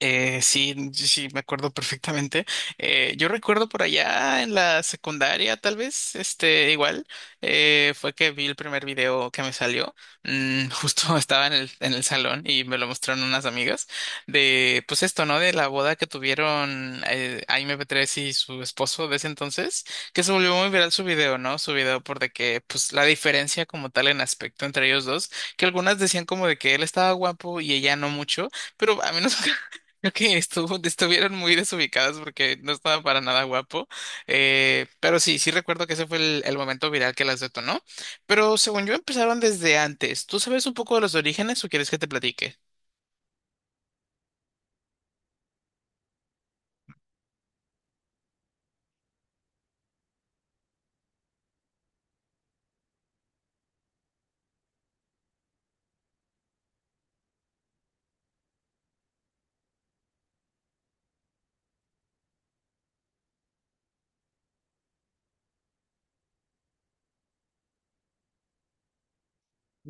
Sí, sí, sí, me acuerdo perfectamente. Yo recuerdo por allá en la secundaria, tal vez, igual, fue que vi el primer video que me salió. Mm. Justo estaba en el salón y me lo mostraron unas amigas de, pues esto, ¿no? De la boda que tuvieron, Aime Petrés y su esposo de ese entonces, que se volvió muy viral su video, ¿no? Su video por de que, pues, la diferencia como tal en aspecto entre ellos dos, que algunas decían como de que él estaba guapo y ella no mucho. Pero a mí no. Creo que estuvieron muy desubicadas porque no estaba para nada guapo. Pero sí, sí recuerdo que ese fue el momento viral que las detonó. Pero según yo empezaron desde antes. ¿Tú sabes un poco de los orígenes o quieres que te platique?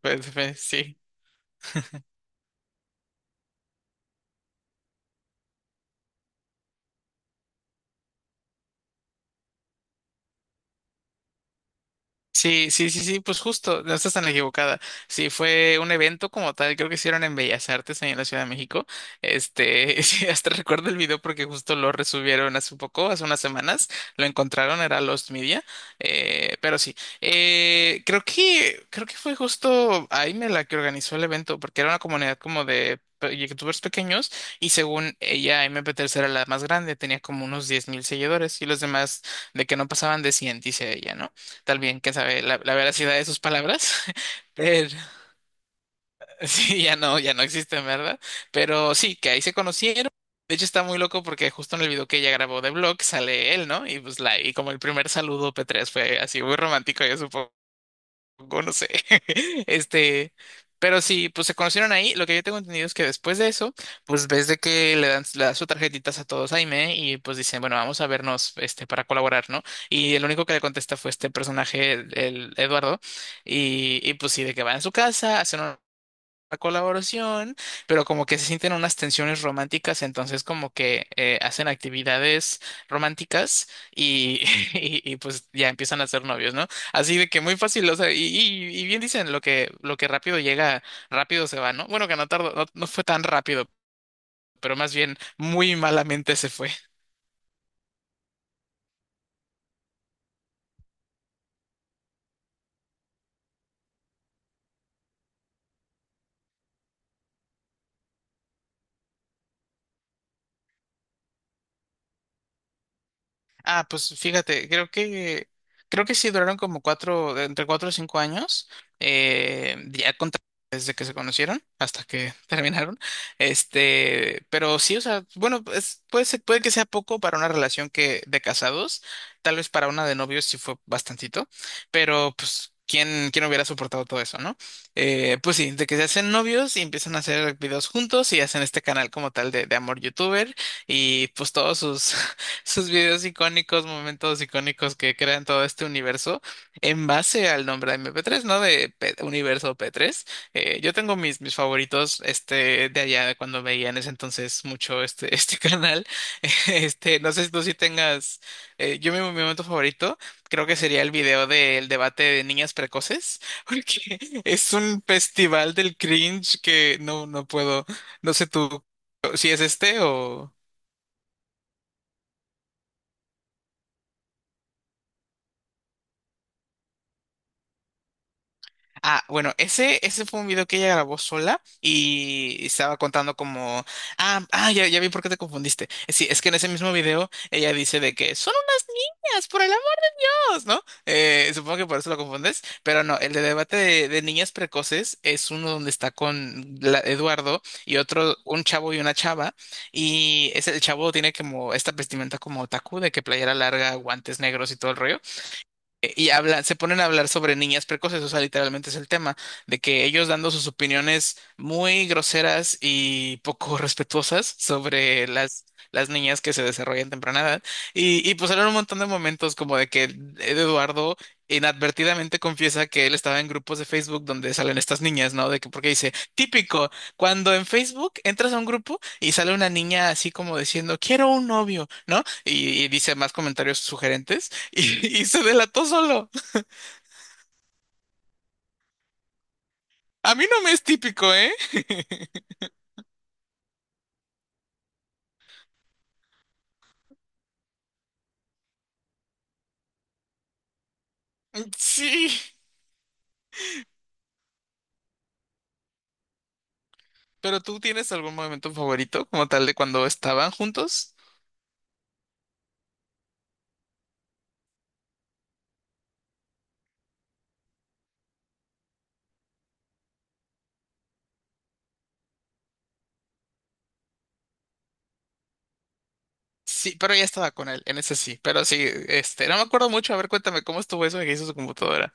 Pues, sí. Sí, sí, sí, sí, pues justo, no estás tan equivocada. Sí, fue un evento como tal, creo que hicieron en Bellas Artes ahí en la Ciudad de México. Sí, hasta recuerdo el video porque justo lo resubieron hace poco, hace unas semanas, lo encontraron, era Lost Media. Pero sí, creo que fue justo Aime la que organizó el evento, porque era una comunidad como de youtubers pequeños y según ella, mp P tercera la más grande, tenía como unos 10,000 seguidores y los demás de que no pasaban de 100 dice ella, ¿no? Tal bien, quién sabe, la veracidad de sus palabras. Pero sí, ya no, ya no existen, ¿verdad? Pero sí, que ahí se conocieron. De hecho, está muy loco porque justo en el video que ella grabó de vlog sale él, ¿no? Y como el primer saludo P3 fue así muy romántico, yo supongo o no sé. Este, pero sí, pues se conocieron ahí. Lo que yo tengo entendido es que después de eso, pues ves de que le da sus tarjetitas a todos Jaime y pues dicen, bueno, vamos a vernos, para colaborar, ¿no? Y el único que le contesta fue este personaje, el Eduardo, y pues sí, de que va a su casa, hacen la colaboración, pero como que se sienten unas tensiones románticas, entonces como que hacen actividades románticas y, pues ya empiezan a ser novios, ¿no? Así de que muy fácil, o sea, y bien dicen lo que rápido llega, rápido se va, ¿no? Bueno, que no tardó, no, no fue tan rápido, pero más bien muy malamente se fue. Ah, pues fíjate, creo que sí duraron como cuatro, de entre 4 o 5 años, eh, ya con- desde que se conocieron hasta que terminaron. Pero sí, o sea, bueno, puede que sea poco para una relación que de casados, tal vez para una de novios sí fue bastantito, pero pues quién hubiera soportado todo eso, ¿no? Pues sí, de que se hacen novios y empiezan a hacer videos juntos y hacen este canal como tal de amor youtuber y pues todos sus sus videos icónicos, momentos icónicos que crean todo este universo en base al nombre de MP3, ¿no? De Universo P3. Yo tengo mis favoritos, de allá, de cuando veía en ese entonces mucho este canal. No sé si tú sí tengas, yo mi momento favorito creo que sería el video del debate de niñas precoces, porque es un festival del cringe que no, no puedo, no sé tú si es este o. Ah, bueno, ese fue un video que ella grabó sola y estaba contando como, ah, ah, ya, ya vi por qué te confundiste. Sí, es que en ese mismo video ella dice de que son unas niñas, por el amor, ¿no? Supongo que por eso lo confundes, pero no, el de debate de niñas precoces es uno donde está con Eduardo y otro, un chavo y una chava, y es el chavo tiene como esta vestimenta como otaku de que playera larga, guantes negros y todo el rollo. Se ponen a hablar sobre niñas precoces, o sea, literalmente es el tema, de que ellos dando sus opiniones muy groseras y poco respetuosas sobre las niñas que se desarrollan temprana edad. Y pues eran un montón de momentos como de que Eduardo inadvertidamente confiesa que él estaba en grupos de Facebook donde salen estas niñas, ¿no? De que porque dice, típico, cuando en Facebook entras a un grupo y sale una niña así como diciendo, quiero un novio, ¿no? Y dice más comentarios sugerentes. Y se delató solo. A mí no me es típico, ¿eh? Sí. ¿Pero tú tienes algún momento favorito como tal de cuando estaban juntos? Sí, pero ya estaba con él, en ese sí. Pero sí, no me acuerdo mucho. A ver, cuéntame cómo estuvo eso de que hizo su computadora.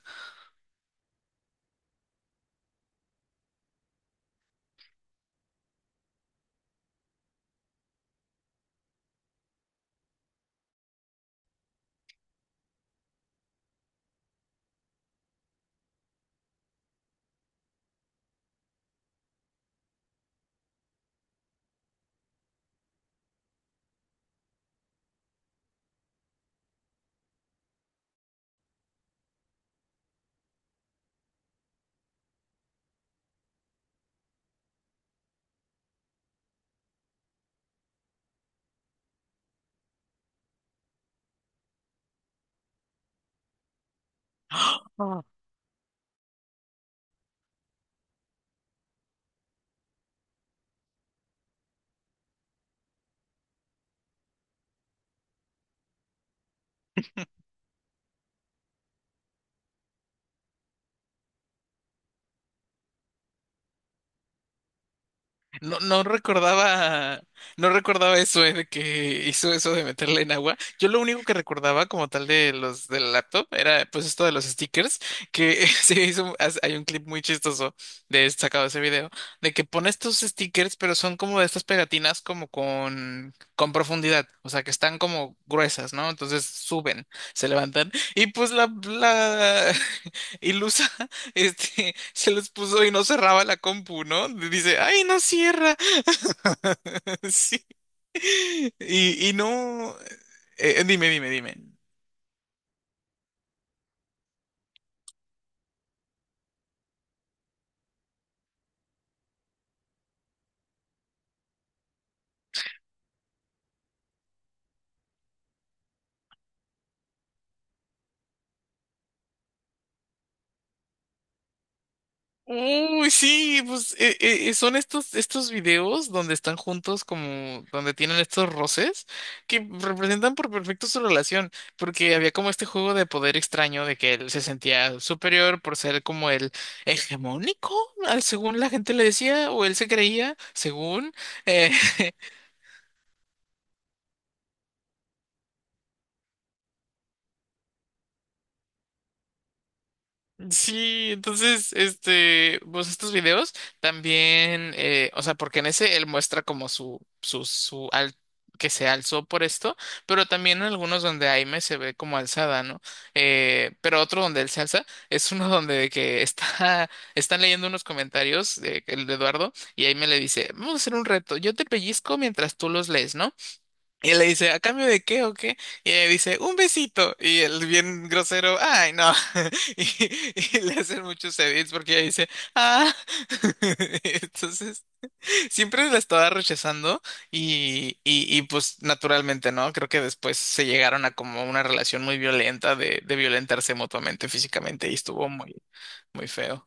No, no recordaba eso, de que hizo eso de meterle en agua. Yo lo único que recordaba como tal de los del laptop era pues esto de los stickers, que se hizo, hay un clip muy chistoso de sacado de ese video, de que pone estos stickers, pero son como de estas pegatinas como con profundidad, o sea que están como gruesas, ¿no? Entonces suben, se levantan, y pues la ilusa se los puso y no cerraba la compu, ¿no? Dice, ay, no cierra. Sí. Y no. Dime, dime, dime. Uy, sí, pues son estos videos donde están juntos como donde tienen estos roces que representan por perfecto su relación, porque había como este juego de poder extraño de que él se sentía superior por ser como el hegemónico. Según la gente le decía, o él se creía, según. eh, Sí, entonces, pues estos videos también, o sea, porque en ese él muestra como su, al que se alzó por esto, pero también en algunos donde Aime se ve como alzada, ¿no? Pero otro donde él se alza es uno donde de que están leyendo unos comentarios de, el de Eduardo y Aime le dice, vamos a hacer un reto, yo te pellizco mientras tú los lees, ¿no? Y él le dice, ¿a cambio de qué o qué? Y ella dice, un besito. Y él bien grosero, ay, no. Y, y le hacen muchos edits porque ella dice, ah. Entonces, siempre la estaba rechazando y pues naturalmente, ¿no? Creo que después se llegaron a como una relación muy violenta de violentarse mutuamente físicamente y estuvo muy, muy feo.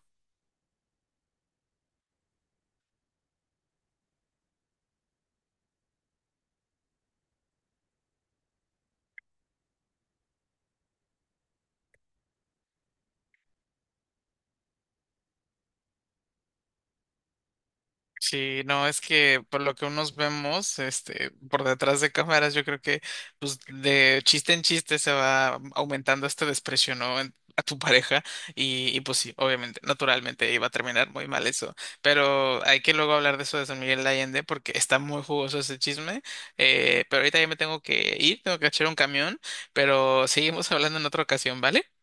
Sí, no, es que por lo que unos vemos, por detrás de cámaras, yo creo que pues de chiste en chiste se va aumentando este desprecio, ¿no? A tu pareja pues sí, obviamente, naturalmente iba a terminar muy mal eso, pero hay que luego hablar de eso de San Miguel de Allende porque está muy jugoso ese chisme, pero ahorita ya me tengo que ir, tengo que echar un camión, pero seguimos hablando en otra ocasión, ¿vale?